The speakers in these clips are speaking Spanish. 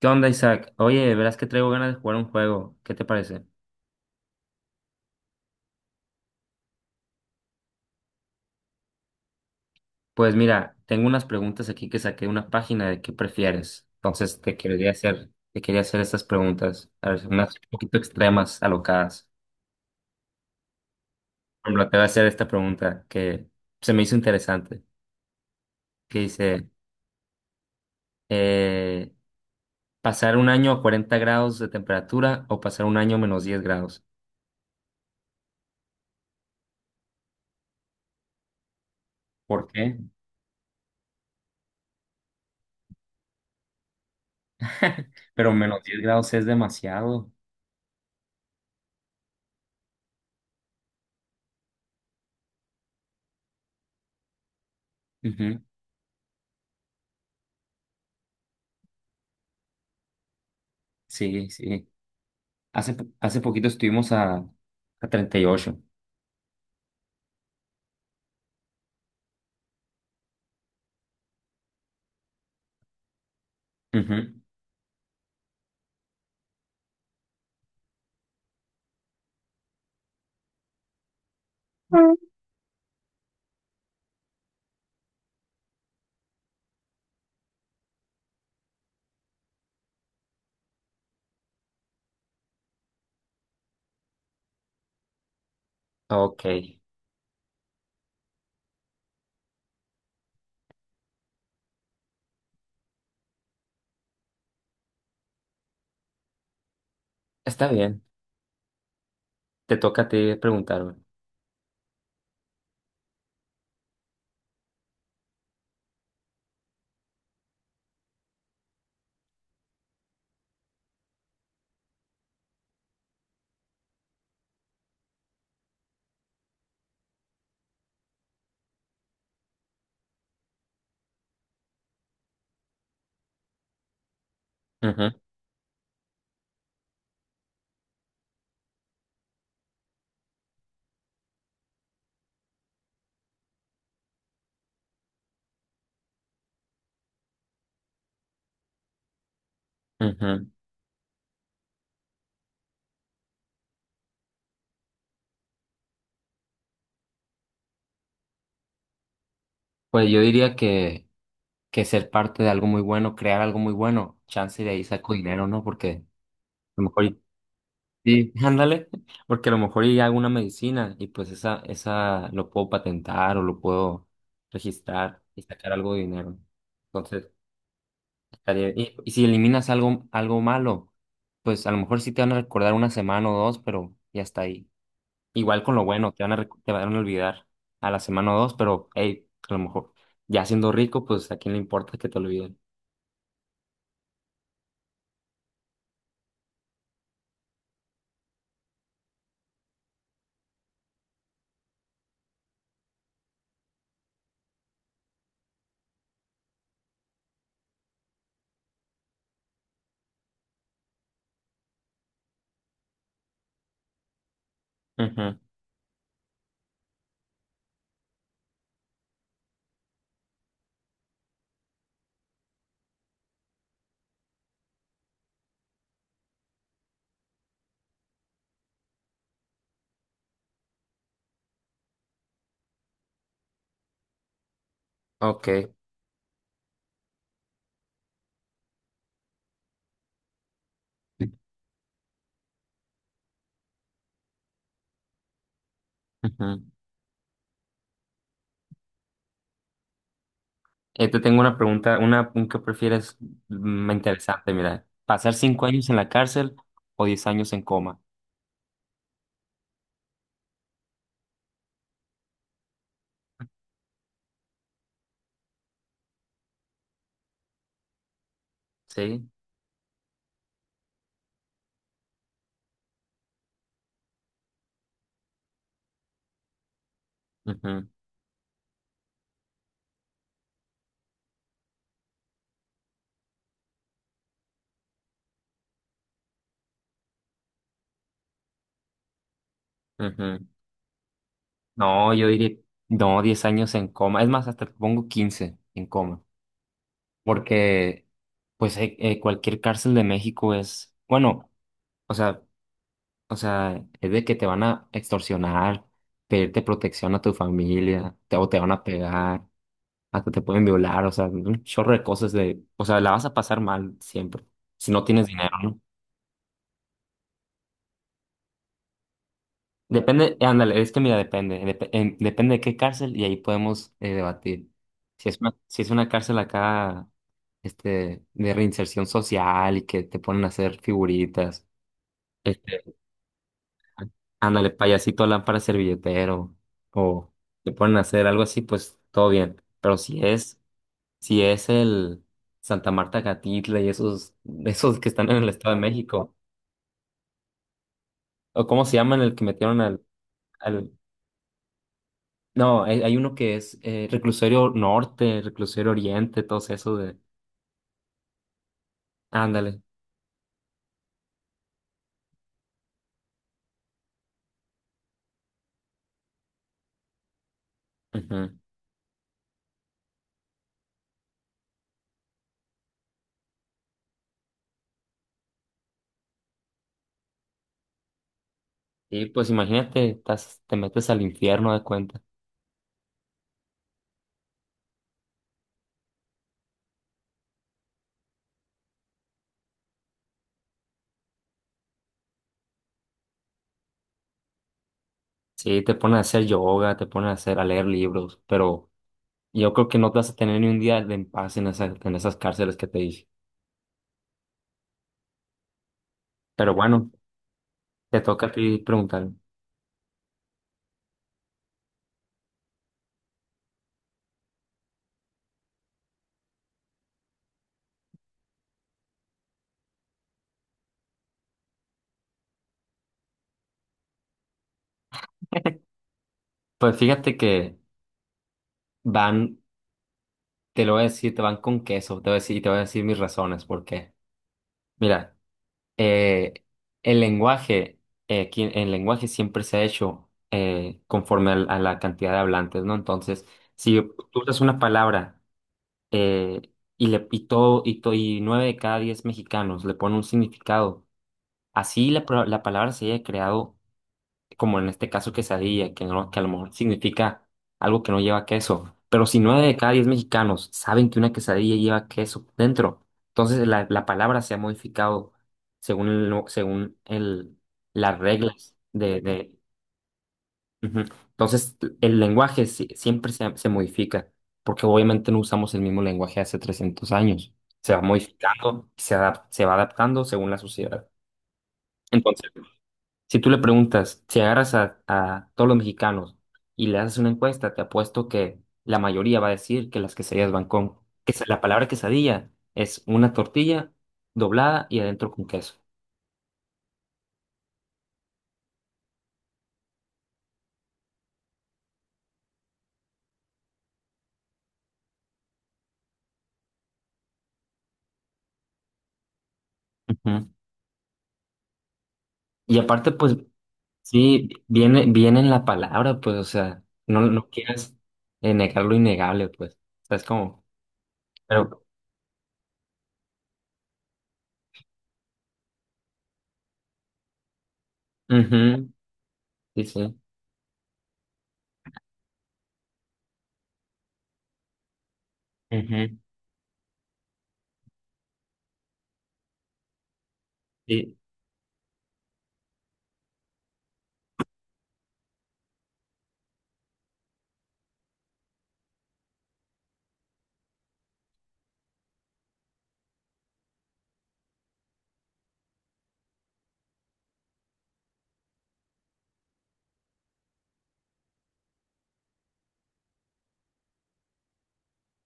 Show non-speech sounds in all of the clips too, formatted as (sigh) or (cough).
¿Qué onda, Isaac? Oye, verás que traigo ganas de jugar un juego. ¿Qué te parece? Pues mira, tengo unas preguntas aquí que saqué de una página de qué prefieres. Entonces te quería hacer estas preguntas, a ver, unas un poquito extremas, alocadas. Por ejemplo, te voy a hacer esta pregunta que se me hizo interesante, que dice, eh, ¿pasar un año a 40 grados de temperatura o pasar un año a menos diez grados? ¿Por qué? (laughs) Pero menos 10 grados es demasiado. Ujú. Sí, sí. Hace, hace poquito estuvimos a 38. Ujú. Ok, está bien. Te toca a ti preguntarme. Ujú, ujú. Pues yo diría que ser parte de algo muy bueno, crear algo muy bueno, chance de ahí saco dinero, ¿no? Porque a lo mejor, sí, (laughs) ándale, porque a lo mejor y hago una medicina y pues esa lo puedo patentar o lo puedo registrar y sacar algo de dinero. Entonces, Y, y si eliminas algo, algo malo, pues a lo mejor sí te van a recordar una semana o dos, pero ya está ahí. Igual con lo bueno, te van a, te van a olvidar a la semana o dos, pero hey, a lo mejor ya siendo rico, pues a quién le importa que te olviden. Ujú. Ok. Ujú. Te tengo una pregunta, una, un que prefieres interesante, mira. ¿Pasar cinco años en la cárcel o diez años en coma? Sí. Ujú, ujú. No, yo diría, no, 10 años en coma. Es más, hasta te pongo 15 en coma. Porque, pues, cualquier cárcel de México es, bueno, o sea, o sea, es de que te van a extorsionar, pedirte protección a tu familia, te, o te van a pegar, hasta te pueden violar, o sea, un chorro de cosas de, o sea, la vas a pasar mal siempre, si no tienes dinero, ¿no? Depende, ándale, es que mira, depende, depende de qué cárcel y ahí podemos debatir. Si es una, si es una cárcel acá, este, de reinserción social y que te ponen a hacer figuritas, este, ándale, payasito, lámpara, servilletero, o te ponen a hacer algo así, pues todo bien. Pero si es, si es el Santa Marta Catitla y esos, esos que están en el Estado de México, o cómo se llaman el que metieron al, no, hay uno que es Reclusorio Norte, Reclusorio Oriente, todo eso de... Ándale. Ujú. Y pues imagínate, estás, te metes al infierno de cuenta. Sí, te pones a hacer yoga, te pones a hacer, a leer libros, pero yo creo que no te vas a tener ni un día de en paz en esas cárceles que te dije. Pero bueno, te toca a ti preguntar. Pues fíjate que van, te lo voy a decir, te van con queso, te voy a decir, y te voy a decir mis razones, porque, mira. eh, el lenguaje, aquí el lenguaje siempre se ha hecho conforme a, la cantidad de hablantes, ¿no? Entonces, si tú usas una palabra eh, y, le, y, todo, y nueve de cada diez mexicanos le ponen un significado, así la, la palabra se haya creado como en este caso quesadilla, que, no, que a lo mejor significa algo que no lleva queso. Pero si nueve de cada diez mexicanos saben que una quesadilla lleva queso dentro, entonces la palabra se ha modificado según, el no- según el, las reglas de- Ujú. Entonces el lenguaje siempre se, se modifica, porque obviamente no usamos el mismo lenguaje hace 300 años. Se va modificando, se se va adaptando según la sociedad. Entonces, si tú le preguntas, si agarras a todos los mexicanos y le haces una encuesta, te apuesto que la mayoría va a decir que las quesadillas van con, la palabra quesadilla es una tortilla doblada y adentro con queso. Ujú. Y aparte, pues, sí, viene, viene en la palabra, pues, o sea, no, no quieras negar lo innegable, pues. O sea, es como, pero, ujú, sí, sí. Ujú. Sí,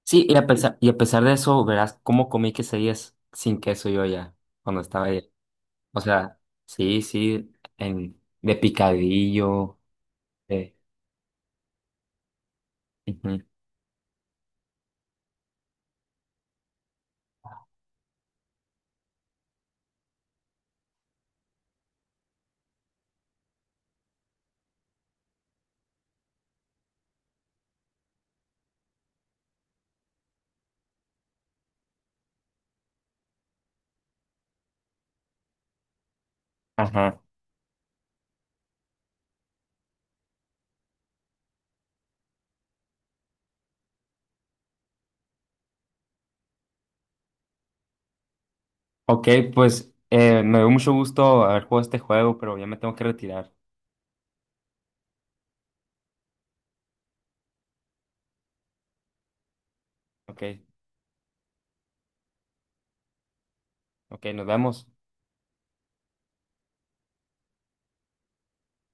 sí, y a pesar de eso, verás cómo comí quesadillas sin queso yo ya, cuando estaba allá. O sea, sí, sí, en, de picadillo. de- Ujú. Ajá. Ok, pues me dio mucho gusto haber jugado este juego, pero ya me tengo que retirar. Ok, ok, nos vemos.